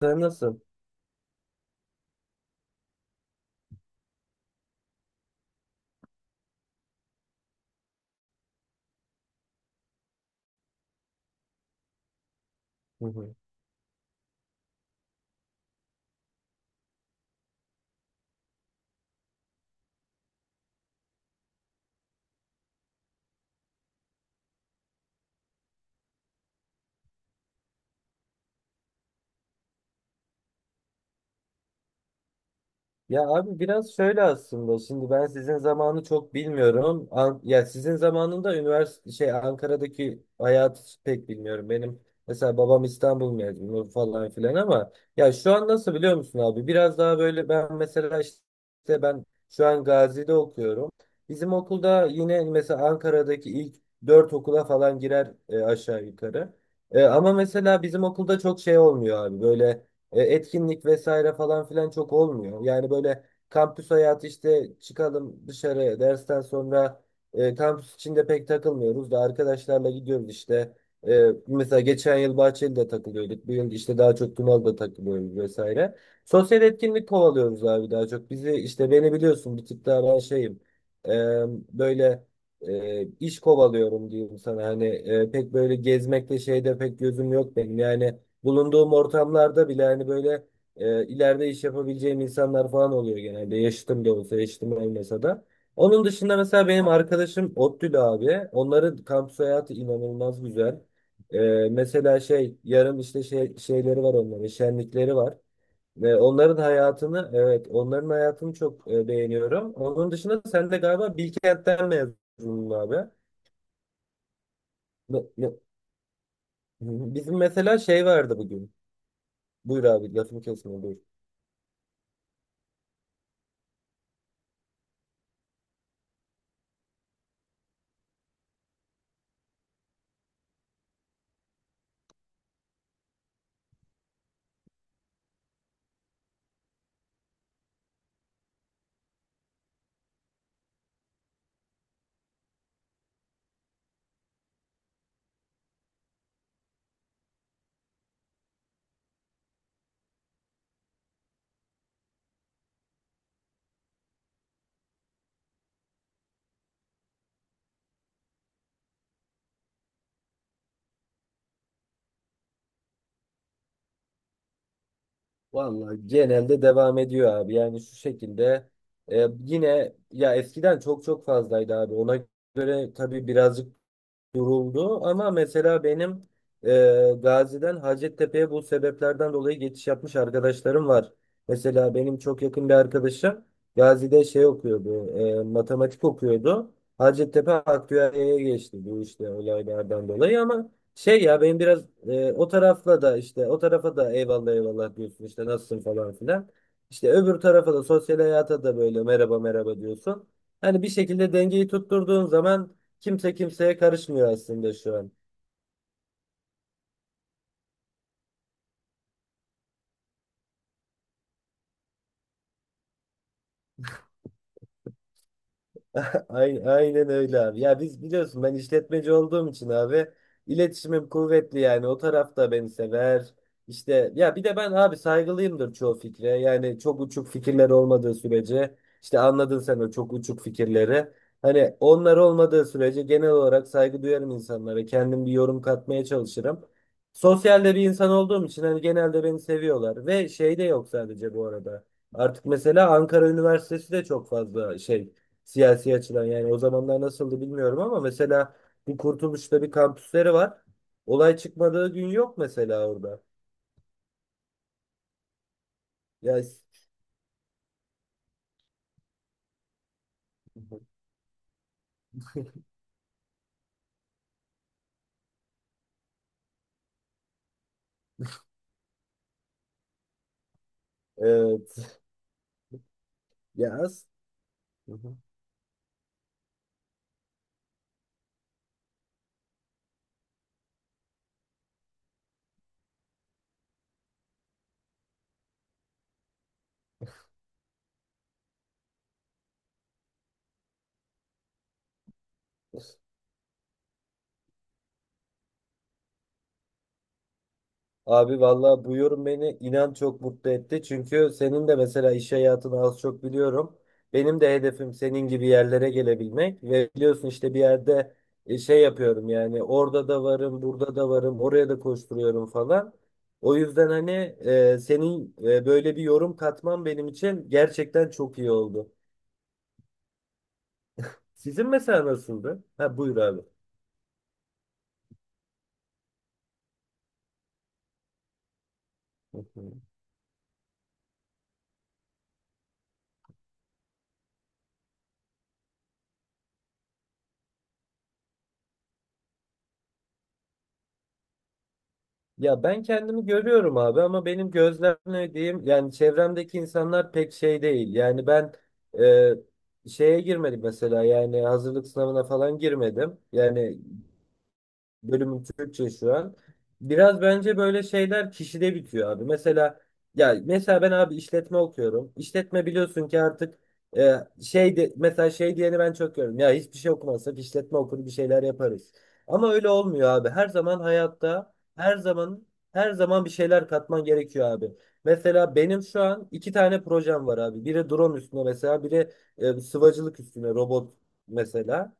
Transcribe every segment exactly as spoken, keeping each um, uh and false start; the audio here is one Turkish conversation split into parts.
Sen nasıl? Hı hı. Ya abi biraz şöyle aslında, şimdi ben sizin zamanı çok bilmiyorum. An- ya sizin zamanında üniversite şey Ankara'daki hayatı pek bilmiyorum. Benim mesela babam İstanbul mezunu falan filan, ama ya şu an nasıl biliyor musun abi? Biraz daha böyle ben mesela işte ben şu an Gazi'de okuyorum. Bizim okulda yine mesela Ankara'daki ilk dört okula falan girer, e, aşağı yukarı. E, ama mesela bizim okulda çok şey olmuyor abi, böyle E, etkinlik vesaire falan filan çok olmuyor. Yani böyle kampüs hayatı işte, çıkalım dışarı dersten sonra, e, kampüs içinde pek takılmıyoruz da arkadaşlarla gidiyoruz işte. E, mesela geçen yıl Bahçeli'de takılıyorduk. Bu yıl işte daha çok Tunalı'da takılıyoruz vesaire. Sosyal etkinlik kovalıyoruz abi daha çok. Bizi işte, beni biliyorsun, bir tık daha ben şeyim. E, Böyle e, iş kovalıyorum diyeyim sana. Hani e, pek böyle gezmekte şeyde pek gözüm yok benim. Yani bulunduğum ortamlarda bile hani böyle e, ileride iş yapabileceğim insanlar falan oluyor genelde. Yaşıtım da olsa, yaşıtım olmasa da. Onun dışında mesela benim arkadaşım Ottül abi. Onların kampüs hayatı inanılmaz güzel. E, Mesela şey yarın işte şey, şeyleri var onların, şenlikleri var. Ve onların hayatını, evet onların hayatını çok e, beğeniyorum. Onun dışında sen de galiba Bilkent'ten mezunsun abi. Ne- ne- Bizim mesela şey vardı bugün. Buyur abi, lafımı kesme. Vallahi genelde devam ediyor abi. Yani şu şekilde, e, yine ya eskiden çok çok fazlaydı abi. Ona göre tabii birazcık duruldu, ama mesela benim e, Gazi'den Hacettepe'ye bu sebeplerden dolayı geçiş yapmış arkadaşlarım var. Mesela benim çok yakın bir arkadaşım Gazi'de şey okuyordu, e, matematik okuyordu. Hacettepe Aktüerya'ya geçti bu işte olaylardan dolayı, ama şey ya benim biraz e, o tarafla da, işte o tarafa da eyvallah eyvallah diyorsun işte, nasılsın falan filan. İşte öbür tarafa da, sosyal hayata da böyle merhaba merhaba diyorsun. Hani bir şekilde dengeyi tutturduğun zaman kimse kimseye karışmıyor aslında şu an. Aynen, aynen öyle abi. Ya biz biliyorsun, ben işletmeci olduğum için abi iletişimim kuvvetli, yani o taraf da beni sever. İşte ya bir de ben abi saygılıyımdır çoğu fikre. Yani çok uçuk fikirler olmadığı sürece, işte anladın sen o çok uçuk fikirleri. Hani onlar olmadığı sürece genel olarak saygı duyarım insanlara. Kendim bir yorum katmaya çalışırım. Sosyalde bir insan olduğum için hani genelde beni seviyorlar, ve şey de yok sadece bu arada. Artık mesela Ankara Üniversitesi de çok fazla şey, siyasi açıdan. Yani o zamanlar nasıldı bilmiyorum, ama mesela bu Kurtuluş'ta bir kampüsleri var. Olay çıkmadığı gün yok mesela orada. Ya evet. Ya as- hı hı. Abi vallahi bu yorum beni inan çok mutlu etti. Çünkü senin de mesela iş hayatını az çok biliyorum. Benim de hedefim senin gibi yerlere gelebilmek, ve biliyorsun işte bir yerde e, şey yapıyorum, yani orada da varım, burada da varım, oraya da koşturuyorum falan. O yüzden hani e, senin e, böyle bir yorum katman benim için gerçekten çok iyi oldu. Sizin mesela nasıldı? Ha, buyur abi. Ya ben kendimi görüyorum abi, ama benim gözlemlediğim, yani çevremdeki insanlar pek şey değil. Yani ben e, şeye girmedim mesela, yani hazırlık sınavına falan girmedim. Yani bölümün Türkçe şu an. Biraz bence böyle şeyler kişide bitiyor abi. Mesela ya mesela ben abi işletme okuyorum. İşletme biliyorsun ki artık e, şey de, mesela şey diyeni ben çok görüyorum. Ya hiçbir şey okumazsak işletme okur bir şeyler yaparız. Ama öyle olmuyor abi. Her zaman hayatta, her zaman her zaman bir şeyler katman gerekiyor abi. Mesela benim şu an iki tane projem var abi. Biri drone üstüne mesela, biri e, sıvacılık üstüne robot mesela.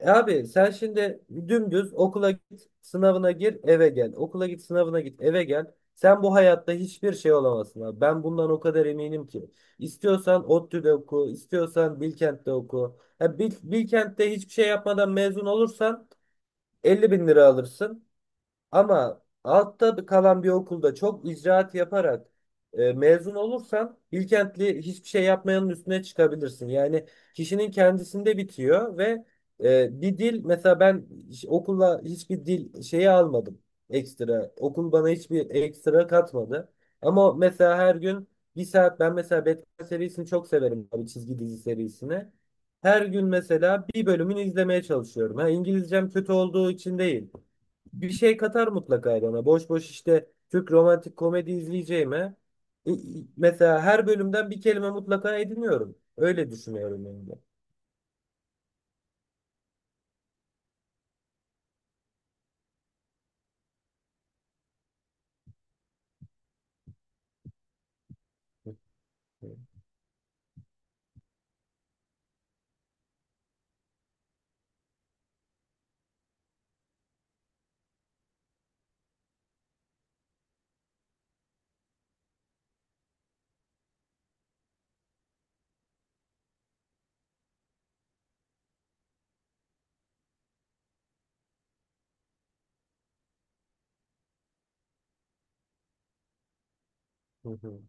E abi sen şimdi dümdüz okula git, sınavına gir, eve gel. Okula git, sınavına git, eve gel. Sen bu hayatta hiçbir şey olamazsın abi. Ben bundan o kadar eminim ki. İstiyorsan ODTÜ'de oku, istiyorsan Bilkent'te oku. Ya Bil- Bilkent'te hiçbir şey yapmadan mezun olursan elli bin lira alırsın. Ama altta bir- kalan bir okulda çok icraat yaparak, e, mezun olursan Bilkentli hiçbir şey yapmayanın üstüne çıkabilirsin. Yani kişinin kendisinde bitiyor, ve e, bir dil mesela, ben hiç- okula hiçbir dil şeyi almadım, ekstra. Okul bana hiçbir ekstra katmadı. Ama mesela her gün bir saat, ben mesela Batman serisini çok severim abi, çizgi dizi serisini. Her gün mesela bir bölümünü izlemeye çalışıyorum. Ha, İngilizcem kötü olduğu için değil, bir şey katar mutlaka bana. Boş boş işte Türk romantik komedi izleyeceğime, e, e, mesela her bölümden bir kelime mutlaka ediniyorum. Öyle düşünüyorum yani. Hı hı, hı hı.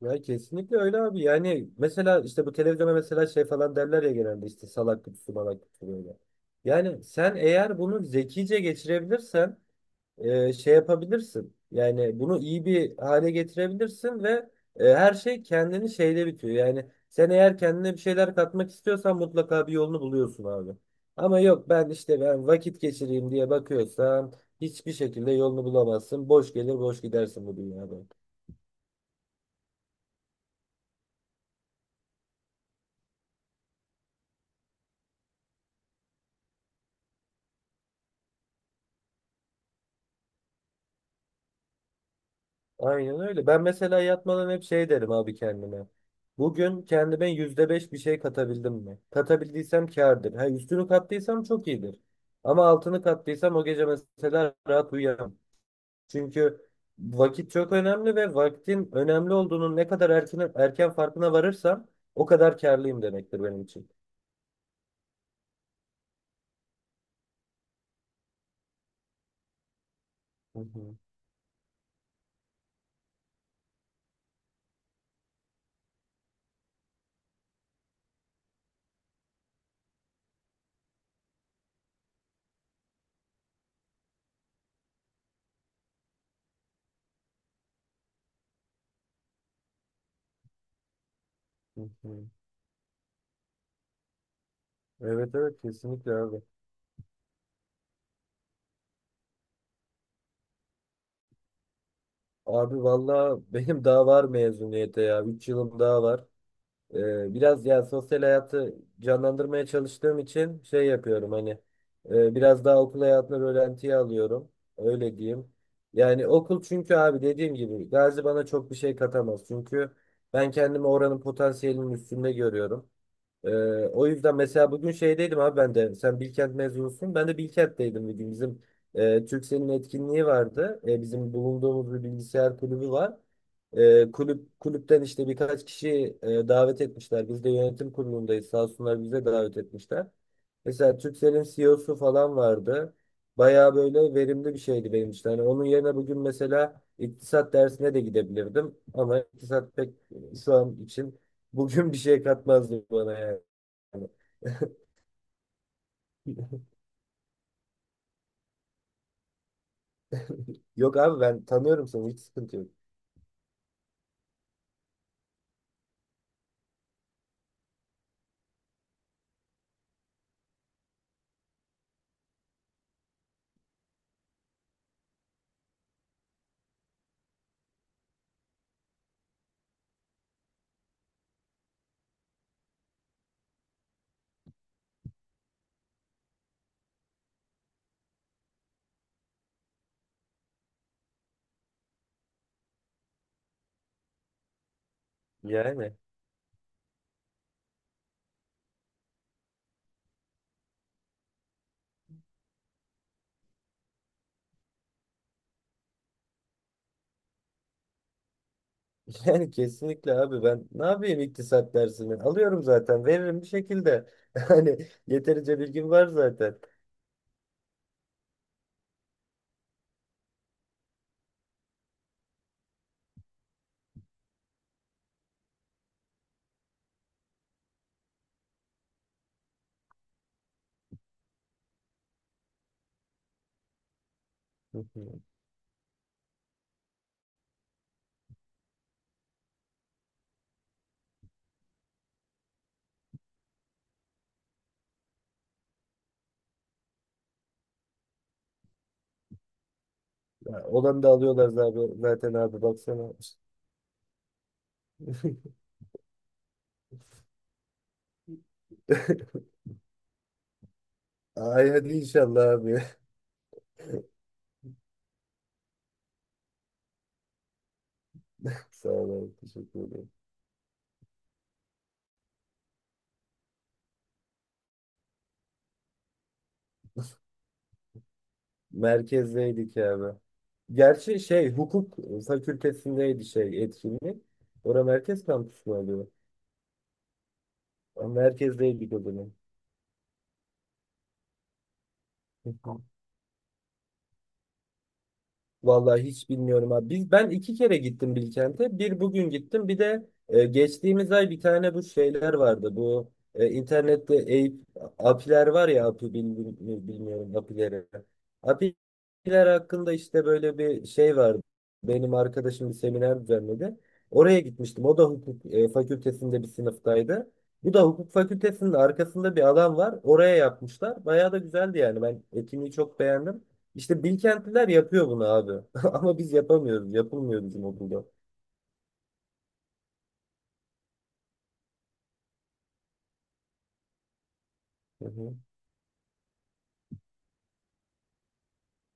Ya kesinlikle öyle abi. Yani mesela işte bu televizyona mesela şey falan derler ya genelde, işte salak kutusu malak kutusu böyle. Yani sen eğer bunu zekice geçirebilirsen, e, şey yapabilirsin. Yani bunu iyi bir hale getirebilirsin, ve e, her şey kendini şeyde bitiyor. Yani sen eğer kendine bir şeyler katmak istiyorsan mutlaka bir yolunu buluyorsun abi. Ama yok, ben işte ben vakit geçireyim diye bakıyorsan hiçbir şekilde yolunu bulamazsın. Boş gelir boş gidersin bu dünyada. Aynen öyle. Ben mesela yatmadan hep şey derim abi kendime: bugün kendime yüzde beş bir şey katabildim mi? Katabildiysem kârdır. Ha, üstünü kattıysam çok iyidir. Ama altını kattıysam o gece mesela rahat uyuyamam. Çünkü vakit çok önemli, ve vaktin önemli olduğunun ne kadar erken, erken farkına varırsam o kadar kârlıyım demektir benim için. Hı hı, hı hı. Evet, evet, kesinlikle abi. Abi valla benim daha var mezuniyete ya. üç yılım daha var. Ee, biraz yani sosyal hayatı canlandırmaya çalıştığım için şey yapıyorum, hani e, biraz daha okul hayatını rölantiye alıyorum. Öyle diyeyim. Yani okul, çünkü abi dediğim gibi Gazi bana çok bir şey katamaz. Çünkü ben kendimi oranın potansiyelinin üstünde görüyorum. Ee, O yüzden mesela bugün şeydeydim abi, ben de. Sen Bilkent mezunusun. Ben de Bilkent'teydim bugün. Bizim e, Turkcell'in etkinliği vardı. E, bizim bulunduğumuz bir bilgisayar kulübü var. E, kulüp kulüpten işte birkaç kişi e, davet etmişler. Biz de yönetim kurulundayız. Sağ olsunlar, bize davet etmişler. Mesela Turkcell'in C E O'su falan vardı. Bayağı böyle verimli bir şeydi benim için. Hani onun yerine bugün mesela iktisat dersine de gidebilirdim. Ama iktisat pek şu an için, bugün bir şey katmazdı bana yani. Yani. Yok abi, ben tanıyorum seni, hiç sıkıntı yok. Yani. Yani kesinlikle abi, ben ne yapayım iktisat dersini? Alıyorum zaten, veririm bir şekilde. Hani yeterince bilgim var zaten. Hı hı. Ya, olanı da alıyorlar zaten, zaten abi, baksana. Ay hadi inşallah abi. Sağ ol abi, teşekkür ederim. Merkezdeydik abi. Gerçi şey, hukuk fakültesindeydi şey etkinlik. Orada merkez kampüsü mü oluyor? Ama merkezdeydik o zaman. Vallahi hiç bilmiyorum abi. Biz, ben iki kere gittim Bilkent'e. Bir bugün gittim. Bir de e, geçtiğimiz ay bir tane bu şeyler vardı. Bu e, internette Eyüp apiler var ya, api bil- bil- bilmiyorum apileri. Apiler hakkında işte böyle bir şey vardı. Benim arkadaşım bir seminer düzenledi. Oraya gitmiştim. O da hukuk e, fakültesinde bir sınıftaydı. Bu da hukuk fakültesinin arkasında bir alan var, oraya yapmışlar. Bayağı da güzeldi yani. Ben etkinliği çok beğendim. İşte Bilkentliler yapıyor bunu abi. Ama biz yapamıyoruz. Yapılmıyor bizim okulda. Hı hı.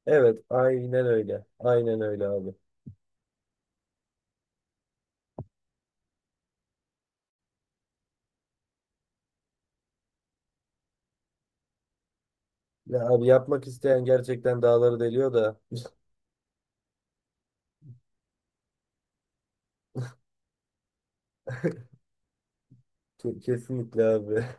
Evet, aynen öyle. Aynen öyle abi. Ya abi, yapmak isteyen gerçekten dağları deliyor da. Ke- Kesinlikle abi.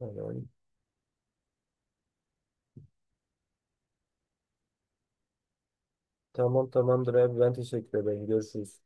Yani, tamam tamamdır abi. Ben teşekkür ederim. Görüşürüz.